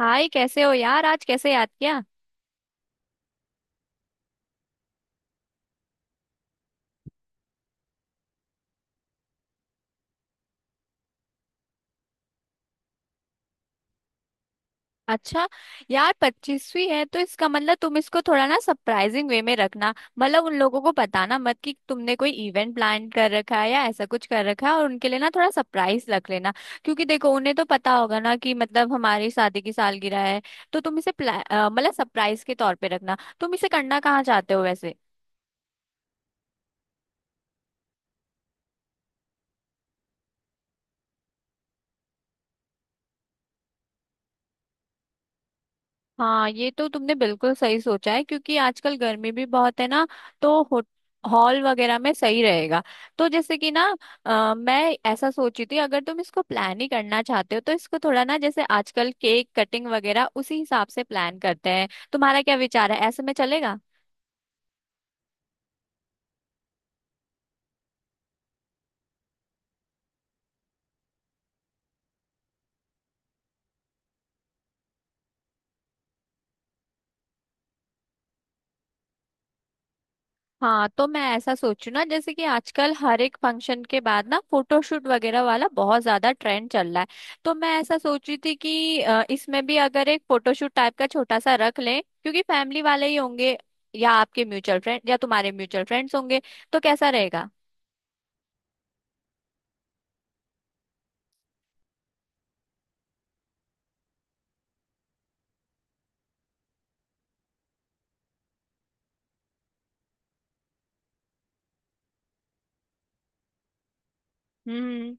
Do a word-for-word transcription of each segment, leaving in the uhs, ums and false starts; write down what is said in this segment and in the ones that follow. हाय, कैसे हो यार। आज कैसे याद किया। अच्छा, यार पच्चीसवीं है तो इसका मतलब तुम इसको थोड़ा ना सरप्राइजिंग वे में रखना। मतलब उन लोगों को बताना मत कि तुमने कोई इवेंट प्लान कर रखा है या ऐसा कुछ कर रखा है, और उनके लिए ना थोड़ा सरप्राइज रख लेना। क्योंकि देखो, उन्हें तो पता होगा ना कि मतलब हमारी शादी की सालगिरह है। तो तुम इसे प्ला- अ, मतलब सरप्राइज के तौर पे रखना। तुम इसे करना कहाँ चाहते हो वैसे। हाँ, ये तो तुमने बिल्कुल सही सोचा है, क्योंकि आजकल गर्मी भी बहुत है ना। तो हो, हॉल वगैरह में सही रहेगा। तो जैसे कि ना, अ, मैं ऐसा सोची थी, अगर तुम इसको प्लान ही करना चाहते हो तो इसको थोड़ा ना जैसे आजकल केक कटिंग वगैरह उसी हिसाब से प्लान करते हैं। तुम्हारा क्या विचार है, ऐसे में चलेगा। हाँ, तो मैं ऐसा सोचू ना, जैसे कि आजकल हर एक फंक्शन के बाद ना फोटोशूट वगैरह वाला बहुत ज्यादा ट्रेंड चल रहा है। तो मैं ऐसा सोची थी कि अ, इसमें भी अगर एक फोटोशूट टाइप का छोटा सा रख लें, क्योंकि फैमिली वाले ही होंगे या आपके म्यूचुअल फ्रेंड या तुम्हारे म्यूचुअल फ्रेंड्स होंगे। तो कैसा रहेगा। हम्म।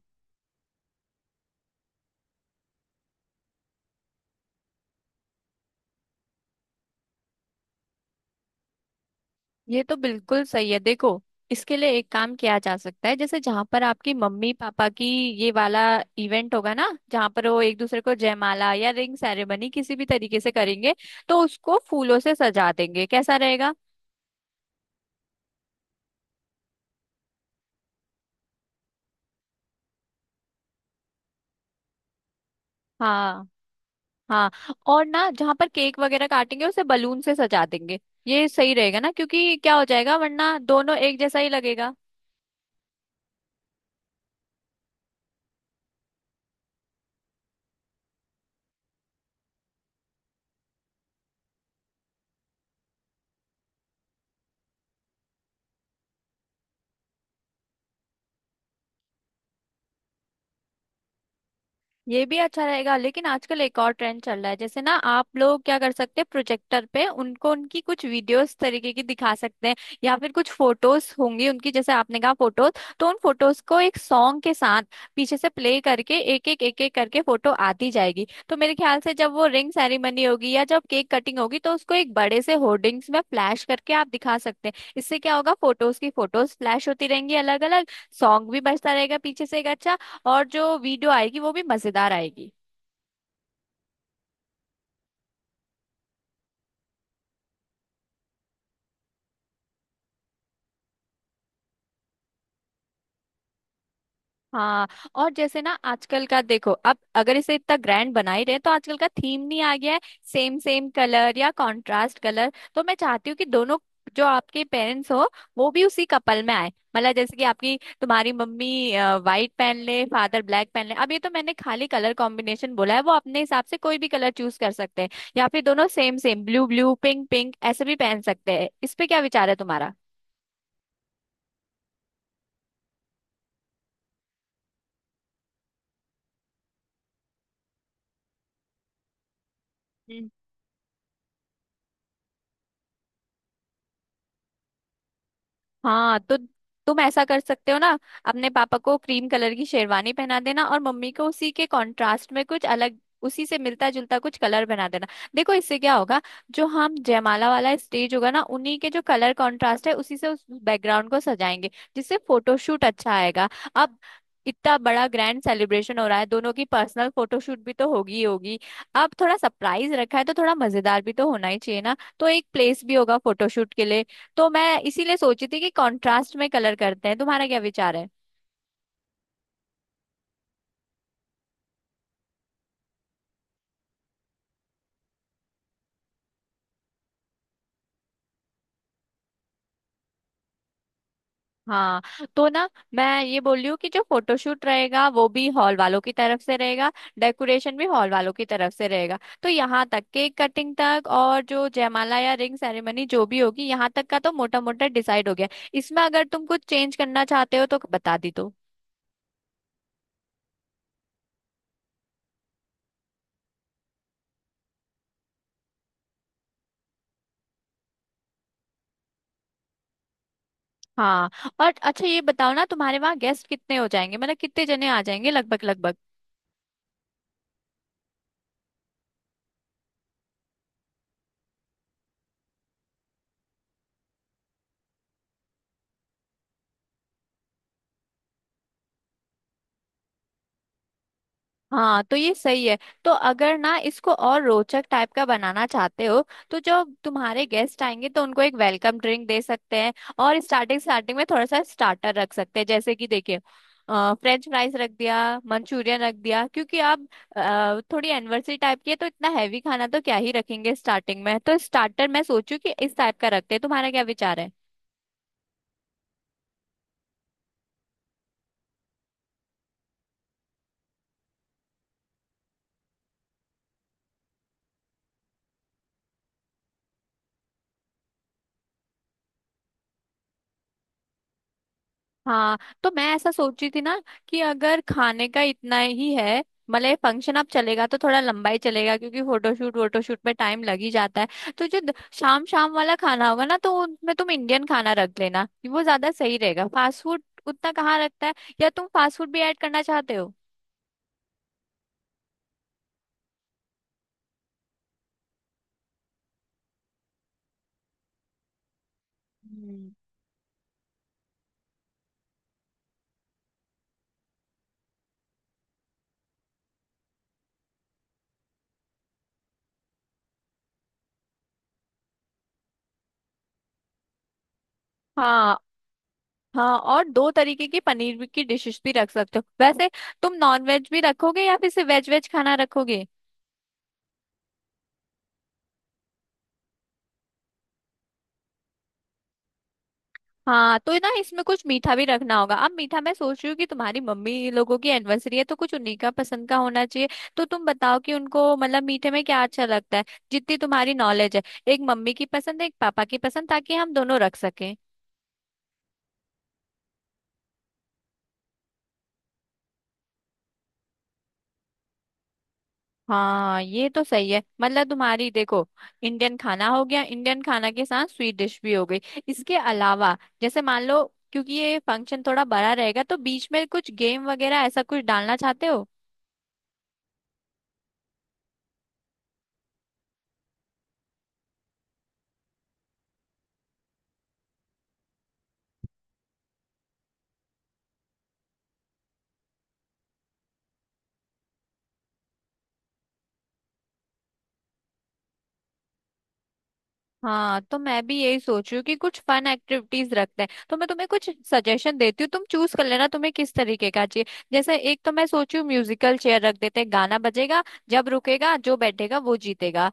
ये तो बिल्कुल सही है। देखो, इसके लिए एक काम किया जा सकता है, जैसे जहां पर आपकी मम्मी पापा की ये वाला इवेंट होगा ना, जहां पर वो एक दूसरे को जयमाला या रिंग सेरेमनी किसी भी तरीके से करेंगे, तो उसको फूलों से सजा देंगे। कैसा रहेगा। हाँ। हाँ, और ना जहां पर केक वगैरह काटेंगे उसे बलून से सजा देंगे। ये सही रहेगा ना, क्योंकि क्या हो जाएगा वरना दोनों एक जैसा ही लगेगा। ये भी अच्छा रहेगा, लेकिन आजकल एक और ट्रेंड चल रहा है। जैसे ना, आप लोग क्या कर सकते हैं, प्रोजेक्टर पे उनको उनकी कुछ वीडियोस तरीके की दिखा सकते हैं। या फिर कुछ फोटोज होंगी उनकी, जैसे आपने कहा फोटोज, तो उन फोटोज को एक सॉन्ग के साथ पीछे से प्ले करके एक एक एक एक करके फोटो आती जाएगी। तो मेरे ख्याल से जब वो रिंग सेरेमनी होगी या जब केक कटिंग होगी, तो उसको एक बड़े से होर्डिंग्स में फ्लैश करके आप दिखा सकते हैं। इससे क्या होगा, फोटोज की फोटोज फ्लैश होती रहेंगी अलग अलग, सॉन्ग भी बजता रहेगा पीछे से एक अच्छा, और जो वीडियो आएगी वो भी मजेदार आएगी। हाँ, और जैसे ना आजकल का देखो, अब अगर इसे इतना ग्रैंड बना ही रहे, तो आजकल का थीम नहीं आ गया है, सेम सेम कलर या कंट्रास्ट कलर। तो मैं चाहती हूँ कि दोनों, जो आपके पेरेंट्स हो, वो भी उसी कपल में आए। मतलब जैसे कि आपकी तुम्हारी मम्मी वाइट पहन ले, फादर ब्लैक पहन ले। अब ये तो मैंने खाली कलर कॉम्बिनेशन बोला है, वो अपने हिसाब से कोई भी कलर चूज कर सकते हैं। या फिर दोनों same same, blue blue, pink pink ऐसे भी पहन सकते हैं। इस पे क्या विचार है तुम्हारा। हाँ, तो तुम ऐसा कर सकते हो ना, अपने पापा को क्रीम कलर की शेरवानी पहना देना और मम्मी को उसी के कंट्रास्ट में कुछ अलग, उसी से मिलता जुलता कुछ कलर बना देना। देखो इससे क्या होगा, जो हम जयमाला वाला स्टेज होगा ना, उन्हीं के जो कलर कंट्रास्ट है उसी से उस बैकग्राउंड को सजाएंगे, जिससे फोटोशूट अच्छा आएगा। अब इतना बड़ा ग्रैंड सेलिब्रेशन हो रहा है, दोनों की पर्सनल फोटोशूट भी तो होगी ही होगी। अब थोड़ा सरप्राइज रखा है तो थोड़ा मजेदार भी तो होना ही चाहिए ना। तो एक प्लेस भी होगा फोटोशूट के लिए। तो मैं इसीलिए सोची थी कि कंट्रास्ट में कलर करते हैं। तुम्हारा क्या विचार है। हाँ, तो ना मैं ये बोल रही हूँ कि जो फोटोशूट रहेगा वो भी हॉल वालों की तरफ से रहेगा, डेकोरेशन भी हॉल वालों की तरफ से रहेगा। तो यहाँ तक केक कटिंग तक और जो जयमाला या रिंग सेरेमनी जो भी होगी, यहाँ तक का तो मोटा मोटा डिसाइड हो गया। इसमें अगर तुम कुछ चेंज करना चाहते हो तो बता दी तो। हाँ, और अच्छा ये बताओ ना, तुम्हारे वहाँ गेस्ट कितने हो जाएंगे। मतलब कितने जने आ जाएंगे लगभग लगभग। हाँ, तो ये सही है। तो अगर ना इसको और रोचक टाइप का बनाना चाहते हो, तो जो तुम्हारे गेस्ट आएंगे तो उनको एक वेलकम ड्रिंक दे सकते हैं। और स्टार्टिंग स्टार्टिंग में थोड़ा सा स्टार्टर रख सकते हैं, जैसे कि देखिए, फ्रेंच फ्राइज रख दिया, मंचूरियन रख दिया, क्योंकि आप अ, थोड़ी एनिवर्सरी टाइप की है। तो इतना हैवी खाना तो क्या ही रखेंगे स्टार्टिंग में, तो स्टार्टर मैं सोचू कि इस टाइप का रखते हैं। तुम्हारा क्या विचार है। हाँ, तो मैं ऐसा सोची थी ना, कि अगर खाने का इतना ही है, मतलब ये फंक्शन अब चलेगा तो थोड़ा लंबा ही चलेगा, क्योंकि फोटोशूट वोटोशूट में टाइम लग ही जाता है। तो जो द- शाम शाम वाला खाना होगा ना, तो उनमें तुम इंडियन खाना रख लेना, वो ज्यादा सही रहेगा। फास्ट फूड उतना कहाँ रखता है, या तुम फास्ट फूड भी ऐड करना चाहते हो। हम्म। हाँ। हाँ, और दो तरीके की पनीर की डिशेस भी रख सकते हो वैसे। तुम नॉन वेज भी रखोगे या फिर सिर्फ वेज वेज खाना रखोगे। हाँ, तो ना इसमें कुछ मीठा भी रखना होगा। अब मीठा मैं सोच रही हूँ कि तुम्हारी मम्मी लोगों की एनिवर्सरी है, तो कुछ उन्हीं का पसंद का होना चाहिए। तो तुम बताओ कि उनको मतलब मीठे में क्या अच्छा लगता है, जितनी तुम्हारी नॉलेज है। एक मम्मी की पसंद, एक पापा की पसंद, ताकि हम दोनों रख सकें। हाँ ये तो सही है। मतलब तुम्हारी देखो, इंडियन खाना हो गया, इंडियन खाना के साथ स्वीट डिश भी हो गई। इसके अलावा जैसे मान लो, क्योंकि ये फंक्शन थोड़ा बड़ा रहेगा, तो बीच में कुछ गेम वगैरह ऐसा कुछ डालना चाहते हो। हाँ, तो मैं भी यही सोच रही हूँ कि कुछ फन एक्टिविटीज रखते हैं। तो मैं तुम्हें कुछ सजेशन देती हूँ, तुम चूज कर लेना तुम्हें किस तरीके का चाहिए। जैसे एक तो मैं सोच रही हूँ म्यूजिकल चेयर रख देते हैं, गाना बजेगा, जब रुकेगा जो बैठेगा वो जीतेगा।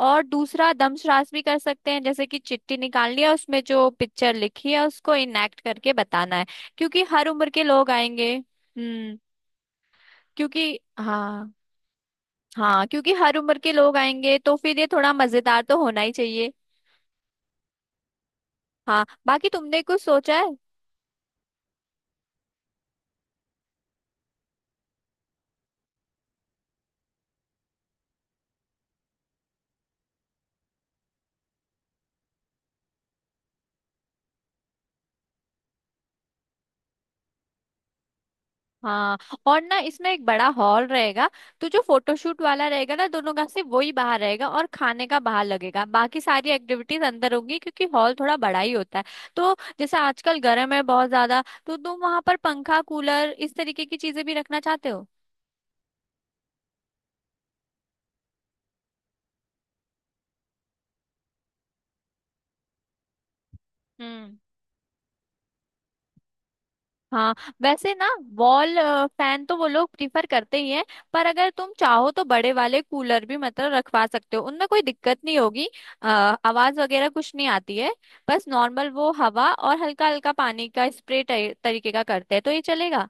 और दूसरा दमश्रास भी कर सकते हैं, जैसे कि चिट्ठी निकालनी है, उसमें जो पिक्चर लिखी है उसको इनएक्ट करके बताना है, क्योंकि हर उम्र के लोग आएंगे। हम्म। क्योंकि हाँ। हाँ, क्योंकि हर उम्र के लोग आएंगे तो फिर ये थोड़ा मजेदार तो होना ही चाहिए। हाँ, बाकी तुमने कुछ सोचा है। हाँ, और ना इसमें एक बड़ा हॉल रहेगा, तो जो फोटोशूट वाला रहेगा ना दोनों का, सिर्फ वही बाहर रहेगा और खाने का बाहर लगेगा, बाकी सारी एक्टिविटीज अंदर होंगी, क्योंकि हॉल थोड़ा बड़ा ही होता है। तो जैसे आजकल गर्म है बहुत ज्यादा, तो तुम वहां पर पंखा, कूलर इस तरीके की चीजें भी रखना चाहते हो। हम्म। हाँ, वैसे ना वॉल फैन तो वो लोग प्रीफर करते ही हैं, पर अगर तुम चाहो तो बड़े वाले कूलर भी मतलब रखवा सकते हो, उनमें कोई दिक्कत नहीं होगी। अ, आवाज वगैरह कुछ नहीं आती है, बस नॉर्मल वो हवा और हल्का हल्का पानी का स्प्रे तरीके का करते हैं, तो ये चलेगा।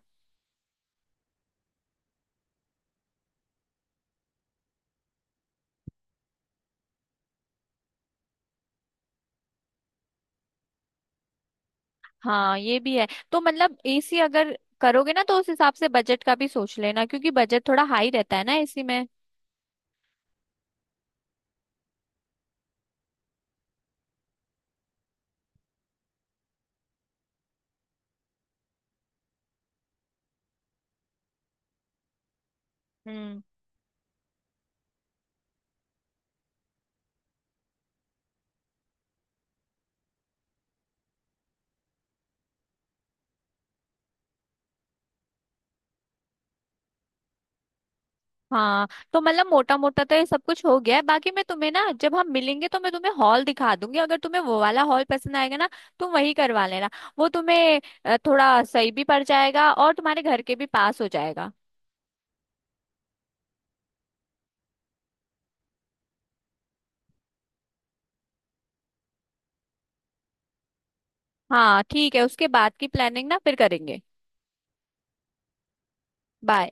हाँ ये भी है। तो मतलब एसी अगर करोगे ना, तो उस हिसाब से बजट का भी सोच लेना, क्योंकि बजट थोड़ा हाई रहता है ना एसी में। हम्म। हाँ, तो मतलब मोटा मोटा तो ये सब कुछ हो गया है। बाकी मैं तुम्हें ना जब हम मिलेंगे तो मैं तुम्हें हॉल दिखा दूंगी। अगर तुम्हें वो वाला हॉल पसंद आएगा ना, तुम वही करवा लेना। वो तुम्हें अ, थोड़ा सही भी पड़ जाएगा और तुम्हारे घर के भी पास हो जाएगा। हाँ ठीक है, उसके बाद की प्लानिंग ना फिर करेंगे। बाय।